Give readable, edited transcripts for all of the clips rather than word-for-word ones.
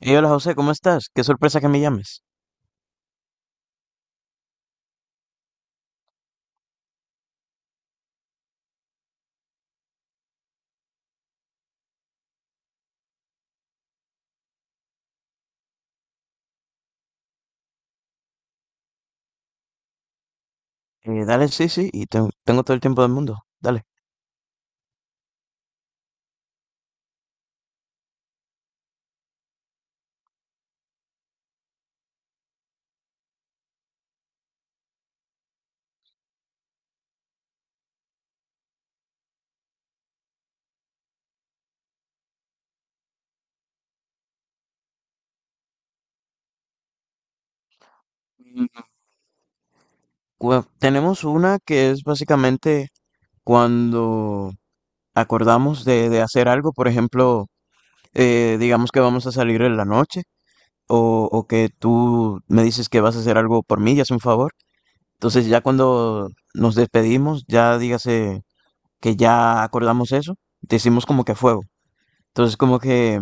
Hey, hola José, ¿cómo estás? Qué sorpresa que me llames. Dale, sí, sí, tengo todo el tiempo del mundo. Dale. Y tenemos una que es básicamente cuando acordamos de hacer algo, por ejemplo, digamos que vamos a salir en la noche o que tú me dices que vas a hacer algo por mí y es un favor. Entonces ya cuando nos despedimos, ya dígase que ya acordamos eso, decimos como que a fuego. Entonces como que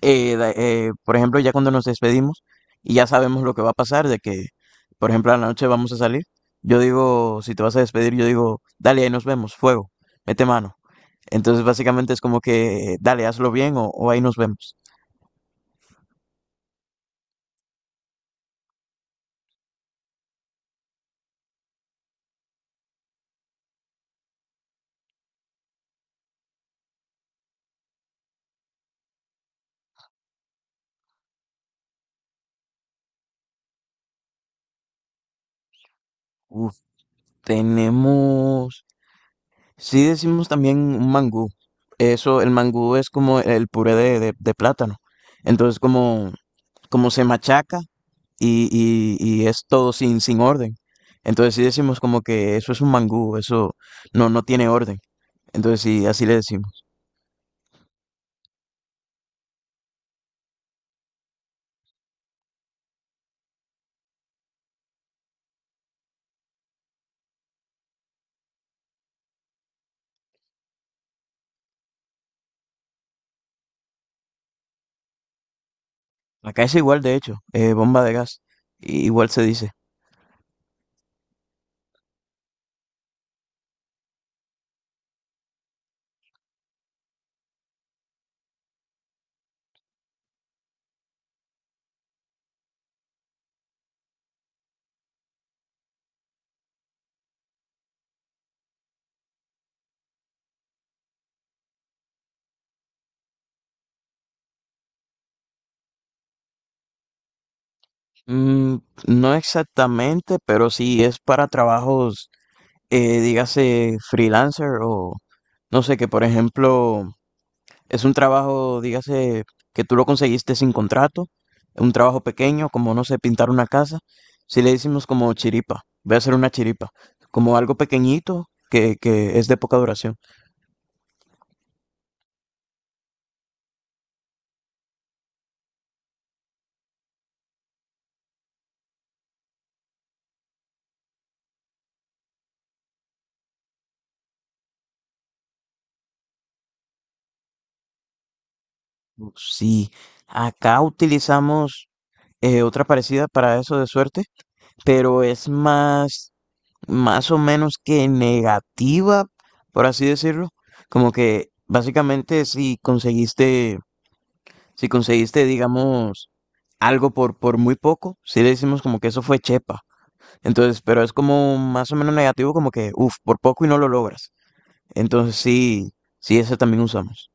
por ejemplo, ya cuando nos despedimos y ya sabemos lo que va a pasar, de que, por ejemplo, a la noche vamos a salir, yo digo, si te vas a despedir, yo digo, dale, ahí nos vemos, fuego, mete mano. Entonces, básicamente es como que, dale, hazlo bien o ahí nos vemos. Uf, tenemos, sí decimos también un mangú. Eso, el mangú es como el puré de, de plátano. Entonces, como, como se machaca y, y es todo sin orden. Entonces, si decimos como que eso es un mangú, eso no tiene orden. Entonces, sí, así le decimos. Acá es igual, de hecho, bomba de gas, igual se dice. Mm, no exactamente, pero sí es para trabajos. Dígase freelancer o no sé, que por ejemplo es un trabajo, dígase, que tú lo conseguiste sin contrato, un trabajo pequeño, como no sé, pintar una casa, si le decimos como chiripa, voy a hacer una chiripa, como algo pequeñito que es de poca duración. Mm, sí, acá utilizamos otra parecida para eso de suerte, pero es más... más o menos que negativa, por así decirlo. Como que básicamente si conseguiste, si conseguiste, digamos, algo por muy poco, si le decimos como que eso fue chepa. Entonces, pero es como más o menos negativo, como que, uff, por poco y no lo logras. Entonces sí, sí, ese también usamos.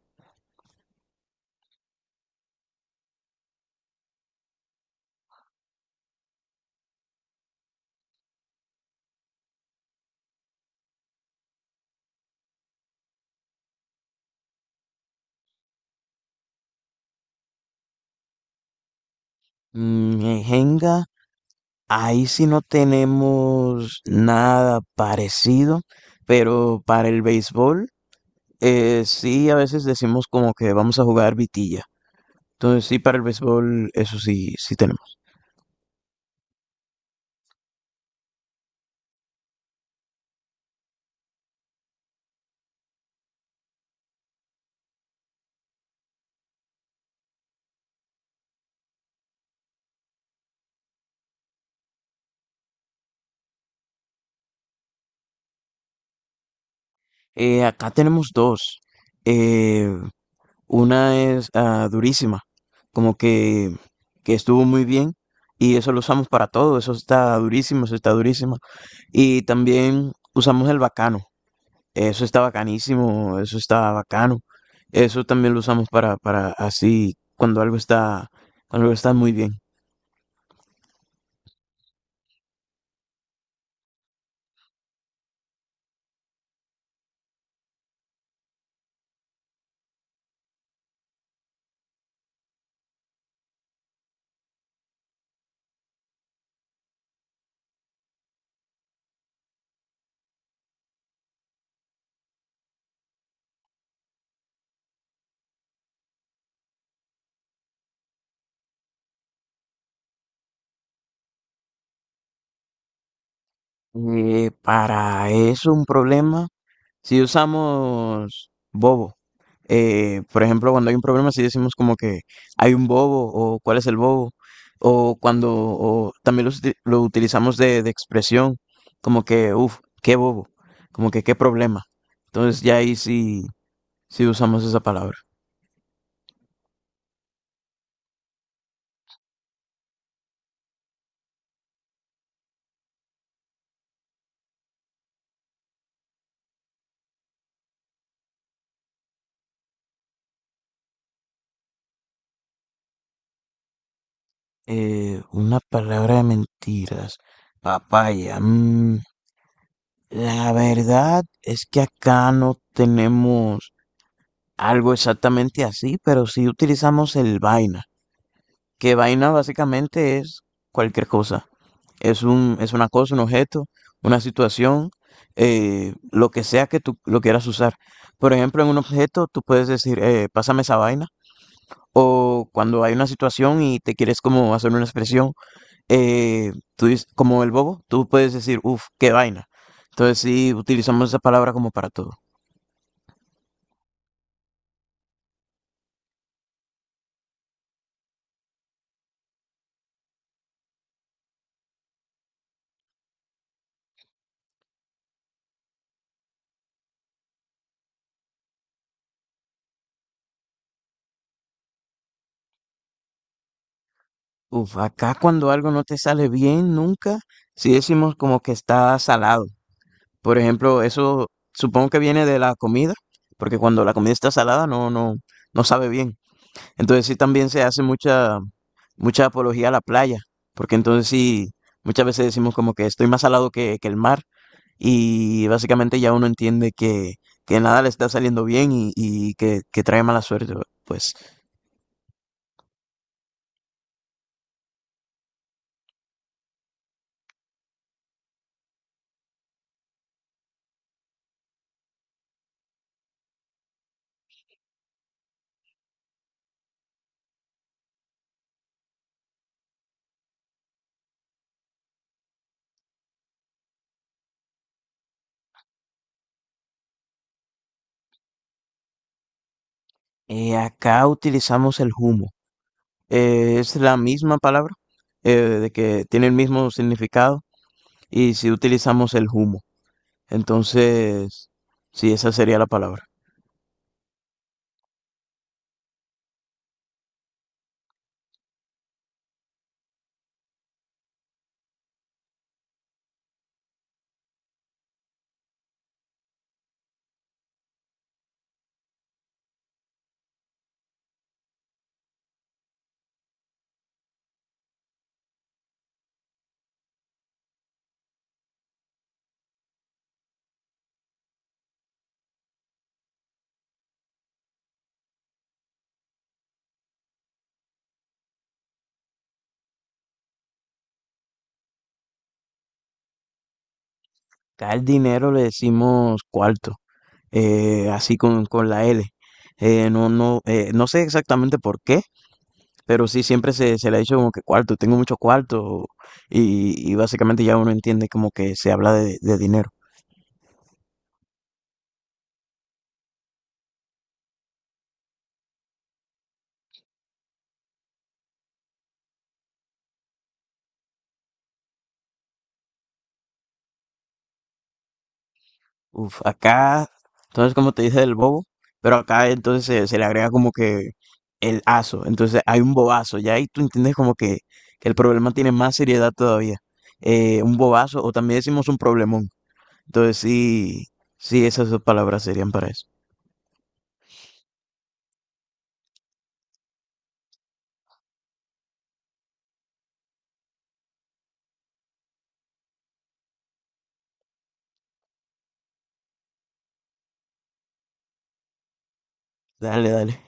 Mm, en Jenga, ahí sí no tenemos nada parecido, pero para el béisbol, sí a veces decimos como que vamos a jugar vitilla. Entonces sí, para el béisbol, eso sí, sí tenemos. Acá tenemos dos. Eh, Una es ah, durísima, como que estuvo muy bien y eso lo usamos para todo, eso está durísimo, eso está durísimo. Y también usamos el bacano, eso está bacanísimo, eso está bacano. Eso también lo usamos para así, cuando algo está muy bien. Para eso un problema. Si usamos bobo, por ejemplo, cuando hay un problema, si decimos como que hay un bobo o cuál es el bobo, o cuando o también lo utilizamos de expresión, como que, uff, qué bobo, como que qué problema. Entonces ya ahí sí, sí usamos esa palabra. Una palabra de mentiras, papaya. Mm, la verdad es que acá no tenemos algo exactamente así, pero sí utilizamos el vaina. Que vaina básicamente es cualquier cosa. Es una cosa, un objeto, una situación, lo que sea que tú lo quieras usar. Por ejemplo, en un objeto tú puedes decir, pásame esa vaina. O cuando hay una situación y te quieres como hacer una expresión, tú dices, como el bobo, tú puedes decir, uff, qué vaina. Entonces sí, utilizamos esa palabra como para todo. Uf, acá cuando algo no te sale bien nunca, sí decimos como que está salado. Por ejemplo, eso supongo que viene de la comida, porque cuando la comida está salada no sabe bien. Entonces sí también se hace mucha apología a la playa, porque entonces sí, muchas veces decimos como que estoy más salado que el mar y básicamente ya uno entiende que nada le está saliendo bien y que trae mala suerte. Pues acá utilizamos el humo. Es la misma palabra, de que tiene el mismo significado y si utilizamos el humo. Entonces, sí, esa sería la palabra. Acá el dinero le decimos cuarto, así con la L. No sé exactamente por qué, pero sí siempre se le ha dicho como que cuarto, tengo mucho cuarto, y básicamente ya uno entiende como que se habla de dinero. Uf, acá, entonces como te dije del bobo, pero acá entonces se le agrega como que el aso, entonces hay un bobazo, ya ahí tú entiendes como que el problema tiene más seriedad todavía. Un bobazo, o también decimos un problemón, entonces sí, sí, esas dos palabras serían para eso. Dale, dale.